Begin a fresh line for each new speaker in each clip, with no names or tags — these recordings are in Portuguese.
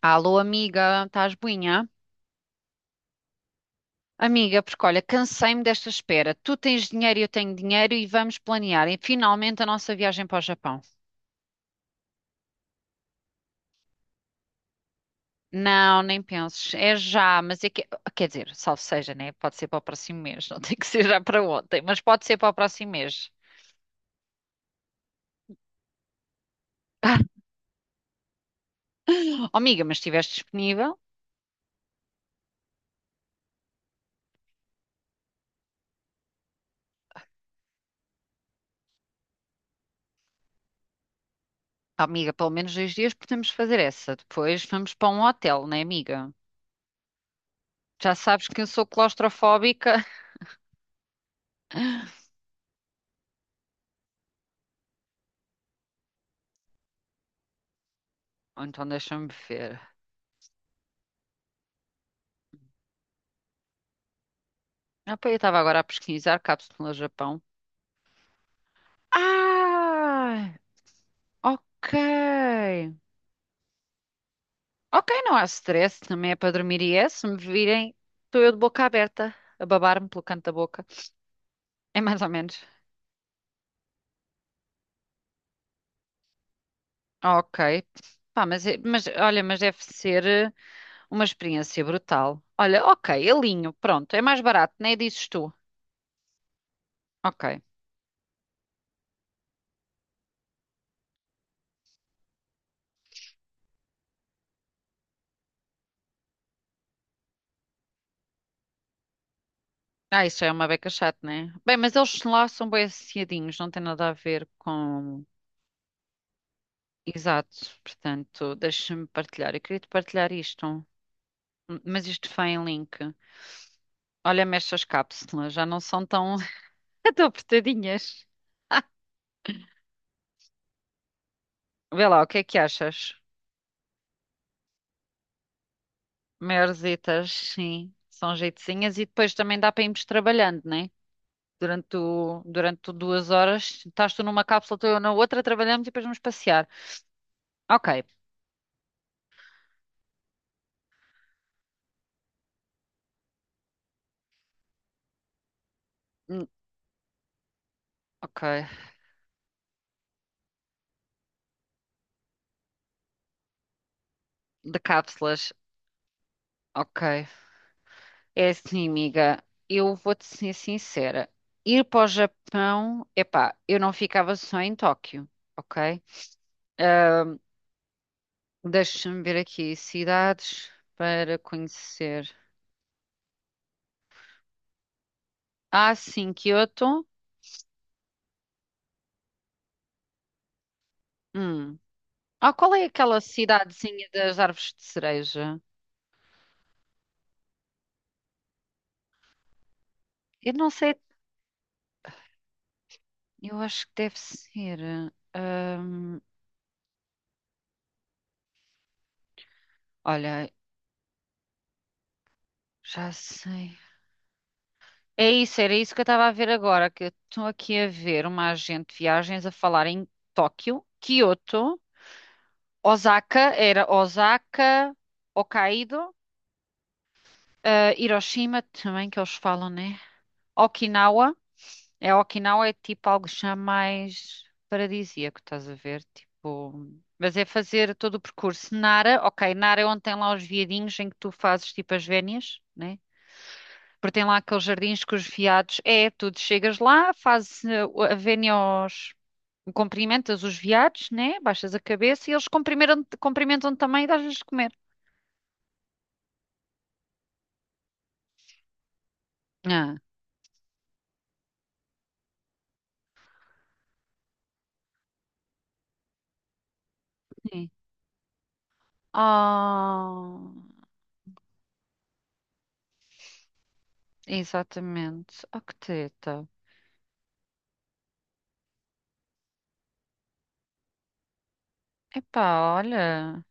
Alô, amiga, estás boinha? Amiga, porque olha, cansei-me desta espera. Tu tens dinheiro e eu tenho dinheiro e vamos planear e, finalmente a nossa viagem para o Japão. Não, nem penses. É já, mas é que. Quer dizer, salvo seja, né? Pode ser para o próximo mês. Não tem que ser já para ontem, mas pode ser para o próximo mês. Oh, amiga, mas estiveste disponível? Oh, amiga, pelo menos 2 dias podemos fazer essa. Depois vamos para um hotel, né, amiga? Já sabes que eu sou claustrofóbica. Então deixa-me ver. Ah, pá, eu estava agora a pesquisar cápsula Japão. Ah, ok. Ok, não há stress, também é para dormir e é, se me virem, estou eu de boca aberta, a babar-me pelo canto da boca. É mais ou menos. Ok. Pá, mas, é- mas olha, mas deve ser uma experiência brutal. Olha, ok, alinho, pronto, é mais barato, nem dizes tu. Ok. Ah, isso já é uma beca chata, né? Bem, mas eles lá são bem associadinhos, não tem nada a ver com. Exato, portanto, deixa-me partilhar. Eu queria te partilhar isto. M- Mas isto foi em link. Olha, mexe cápsulas, já não são tão, tão apertadinhas. Vê lá, o que é que achas? Maiorzitas, sim, são jeitozinhas e depois também dá para irmos trabalhando, né? Durante o 2 horas, estás tu numa cápsula, estou eu na outra, trabalhamos e depois vamos passear. Ok, hum, ok, de cápsulas, ok. É assim, amiga, eu vou-te ser sincera. Ir para o Japão, epá, eu não ficava só em Tóquio, ok? Deixa-me ver aqui. Cidades para conhecer. Ah, sim, Kyoto. Hum. Ah, qual é aquela cidadezinha das árvores de cereja? Eu não sei. Eu acho que deve ser. hum, Olha, já sei. É isso, era isso que eu estava a ver agora, que eu estou aqui a ver uma agente de viagens a falar em Tóquio, Kyoto, Osaka, era Osaka, Hokkaido, Hiroshima também que eles falam, né? Okinawa. É Okinawa é tipo algo já mais paradisíaco, estás a ver? Tipo, mas é fazer todo o percurso. Nara, ok, Nara é onde tem lá os viadinhos em que tu fazes tipo as vénias, né? Porque tem lá aqueles jardins com os viados. É, tu chegas lá, fazes a vénia aos. Cumprimentas os viados, né? Baixas a cabeça e eles cumprimentam também e dás-lhes de comer. Ah, sim. Ah, exatamente. Ah, que teta. Epá, olha.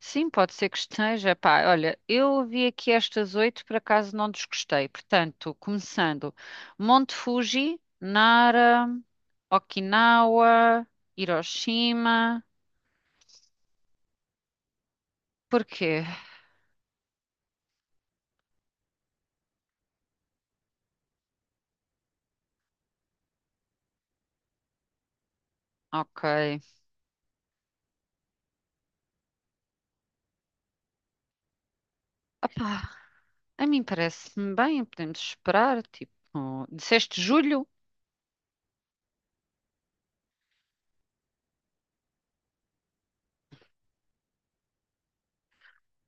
Sim, pode ser que esteja. Pá, olha, eu ouvi aqui estas oito, por acaso não desgostei. Portanto, começando: Monte Fuji, Nara, Okinawa, Hiroshima. Porquê? Ok. Opá, a mim parece-me bem, podemos esperar. Tipo, disseste julho?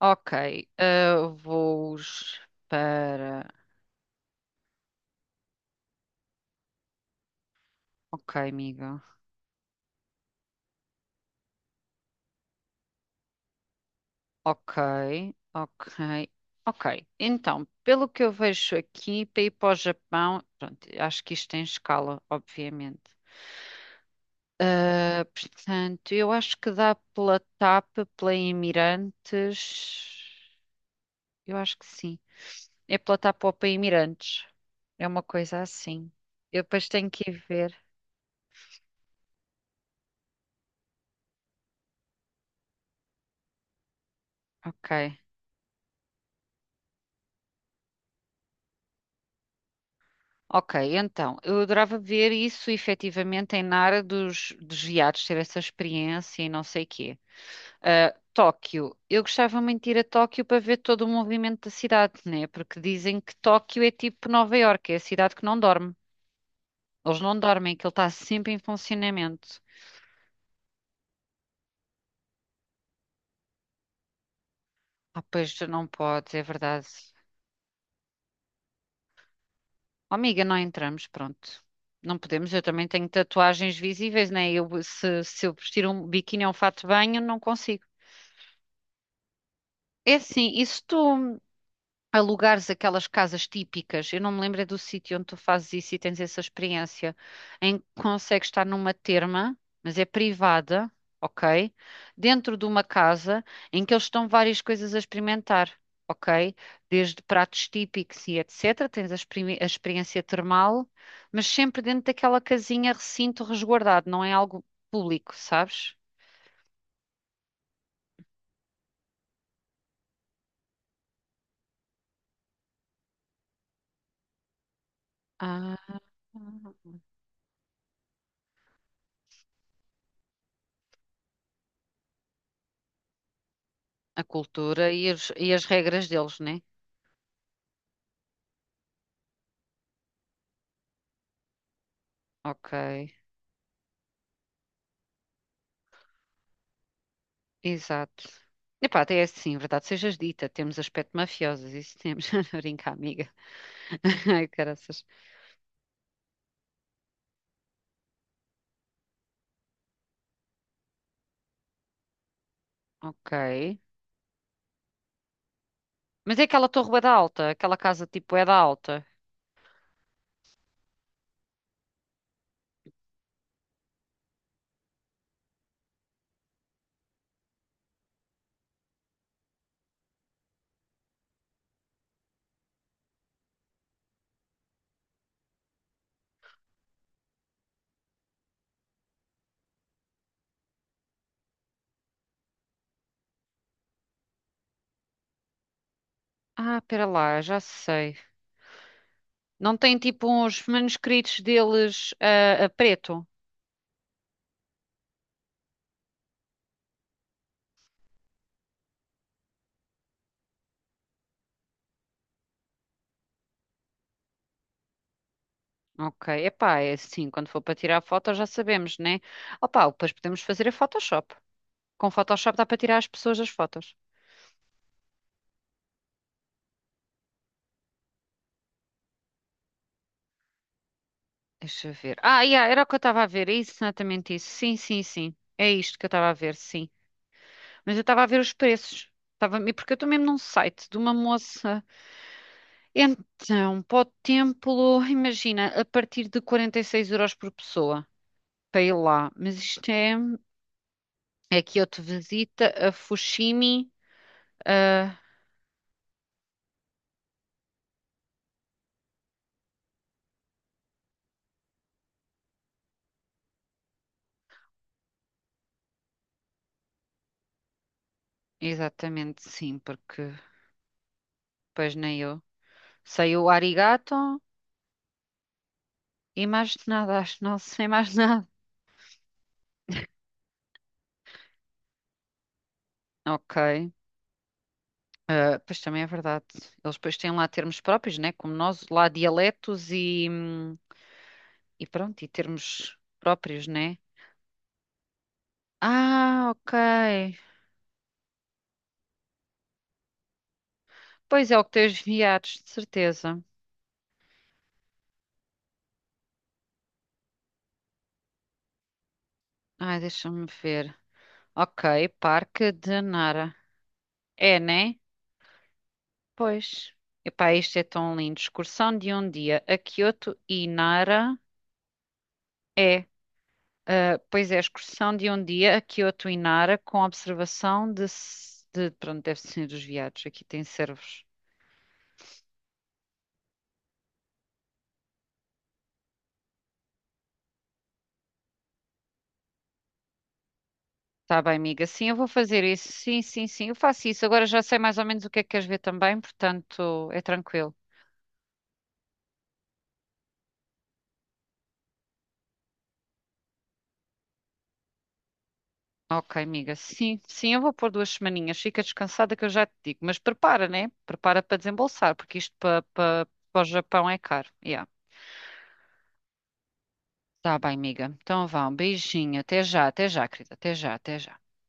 Ok. Vou para. Ok, amiga. Ok, ok, ok. Então, pelo que eu vejo aqui, para ir para o Japão, pronto, acho que isto tem escala, obviamente. Ah, portanto, eu acho que dá pela TAP, pela Imirantes. Eu acho que sim. É pela TAP ou pela Imirantes. É uma coisa assim. Eu depois tenho que ir ver. Ok. Ok, então, eu adorava ver isso efetivamente em Nara dos viados, ter essa experiência e não sei o quê. Ah, Tóquio. Eu gostava muito de ir a Tóquio para ver todo o movimento da cidade, né? Porque dizem que Tóquio é tipo Nova Iorque, é a cidade que não dorme. Eles não dormem, que ele está sempre em funcionamento. Ah, pois não podes, é verdade. Oh, amiga, não entramos, pronto. Não podemos, eu também tenho tatuagens visíveis, né? Eu, se eu vestir um biquíni ou um fato de banho, não consigo. É assim, e se tu, alugares aquelas casas típicas. Eu não me lembro é do sítio onde tu fazes isso e tens essa experiência, em que consegues estar numa terma, mas é privada, ok? Dentro de uma casa em que eles estão várias coisas a experimentar. Ok? Desde pratos típicos e etc. Tens a experiência termal, mas sempre dentro daquela casinha, recinto resguardado, não é algo público, sabes? Ah, a cultura e as regras deles, né? Ok. Exato. Epá, até é assim, verdade sejas dita, temos aspecto mafiosos, isso temos. Brinca, amiga. Ai, caraças. Ok. Mas é aquela torre bué da alta, aquela casa tipo é da alta. Ah, pera lá, já sei. Não tem tipo uns manuscritos deles a, preto? Ok, epá, é assim, quando for para tirar a foto já sabemos, né? Opá, depois podemos fazer a Photoshop. Com Photoshop dá para tirar as pessoas das fotos. Deixa eu ver. Ah, yeah, era o que eu estava a ver. É exatamente isso. Sim, sim, sim. É isto que eu estava a ver, sim. Mas eu estava a ver os preços. Estava... e porque eu estou mesmo num site de uma moça. Então, para o templo, imagina, a partir de 46 euros por pessoa para ir lá. Mas isto é, é Kyoto Visita, a Fushimi. A- Exatamente, sim, porque pois nem eu. Sei o arigato e mais nada, acho, não sei mais nada. Ok. Ah, pois também é verdade. Eles depois têm lá termos próprios, né? Como nós, lá dialetos e pronto, e termos próprios, né? Ah, ok. Pois é o que tens viados, de certeza. Ai, deixa-me ver. Ok, Parque de Nara. É, né? Pois. Epá, isto é tão lindo. Excursão de um dia a Kyoto e Nara. É pois é, excursão de um dia a Kyoto e Nara com observação de, pronto, deve ser dos viados. Aqui tem servos. Tá bem, amiga. Sim, eu vou fazer isso. Sim, sim, sim. Eu faço isso. Agora já sei mais ou menos o que é que queres ver também, portanto, é tranquilo. Ok, amiga. Sim, sim, eu vou pôr duas semaninhas. Fica descansada que eu já te digo. Mas prepara, né? Prepara para desembolsar, porque isto para o Japão é caro. Yeah. Tá bem, amiga. Então vá, um beijinho. Até já, querida. Até já, até já.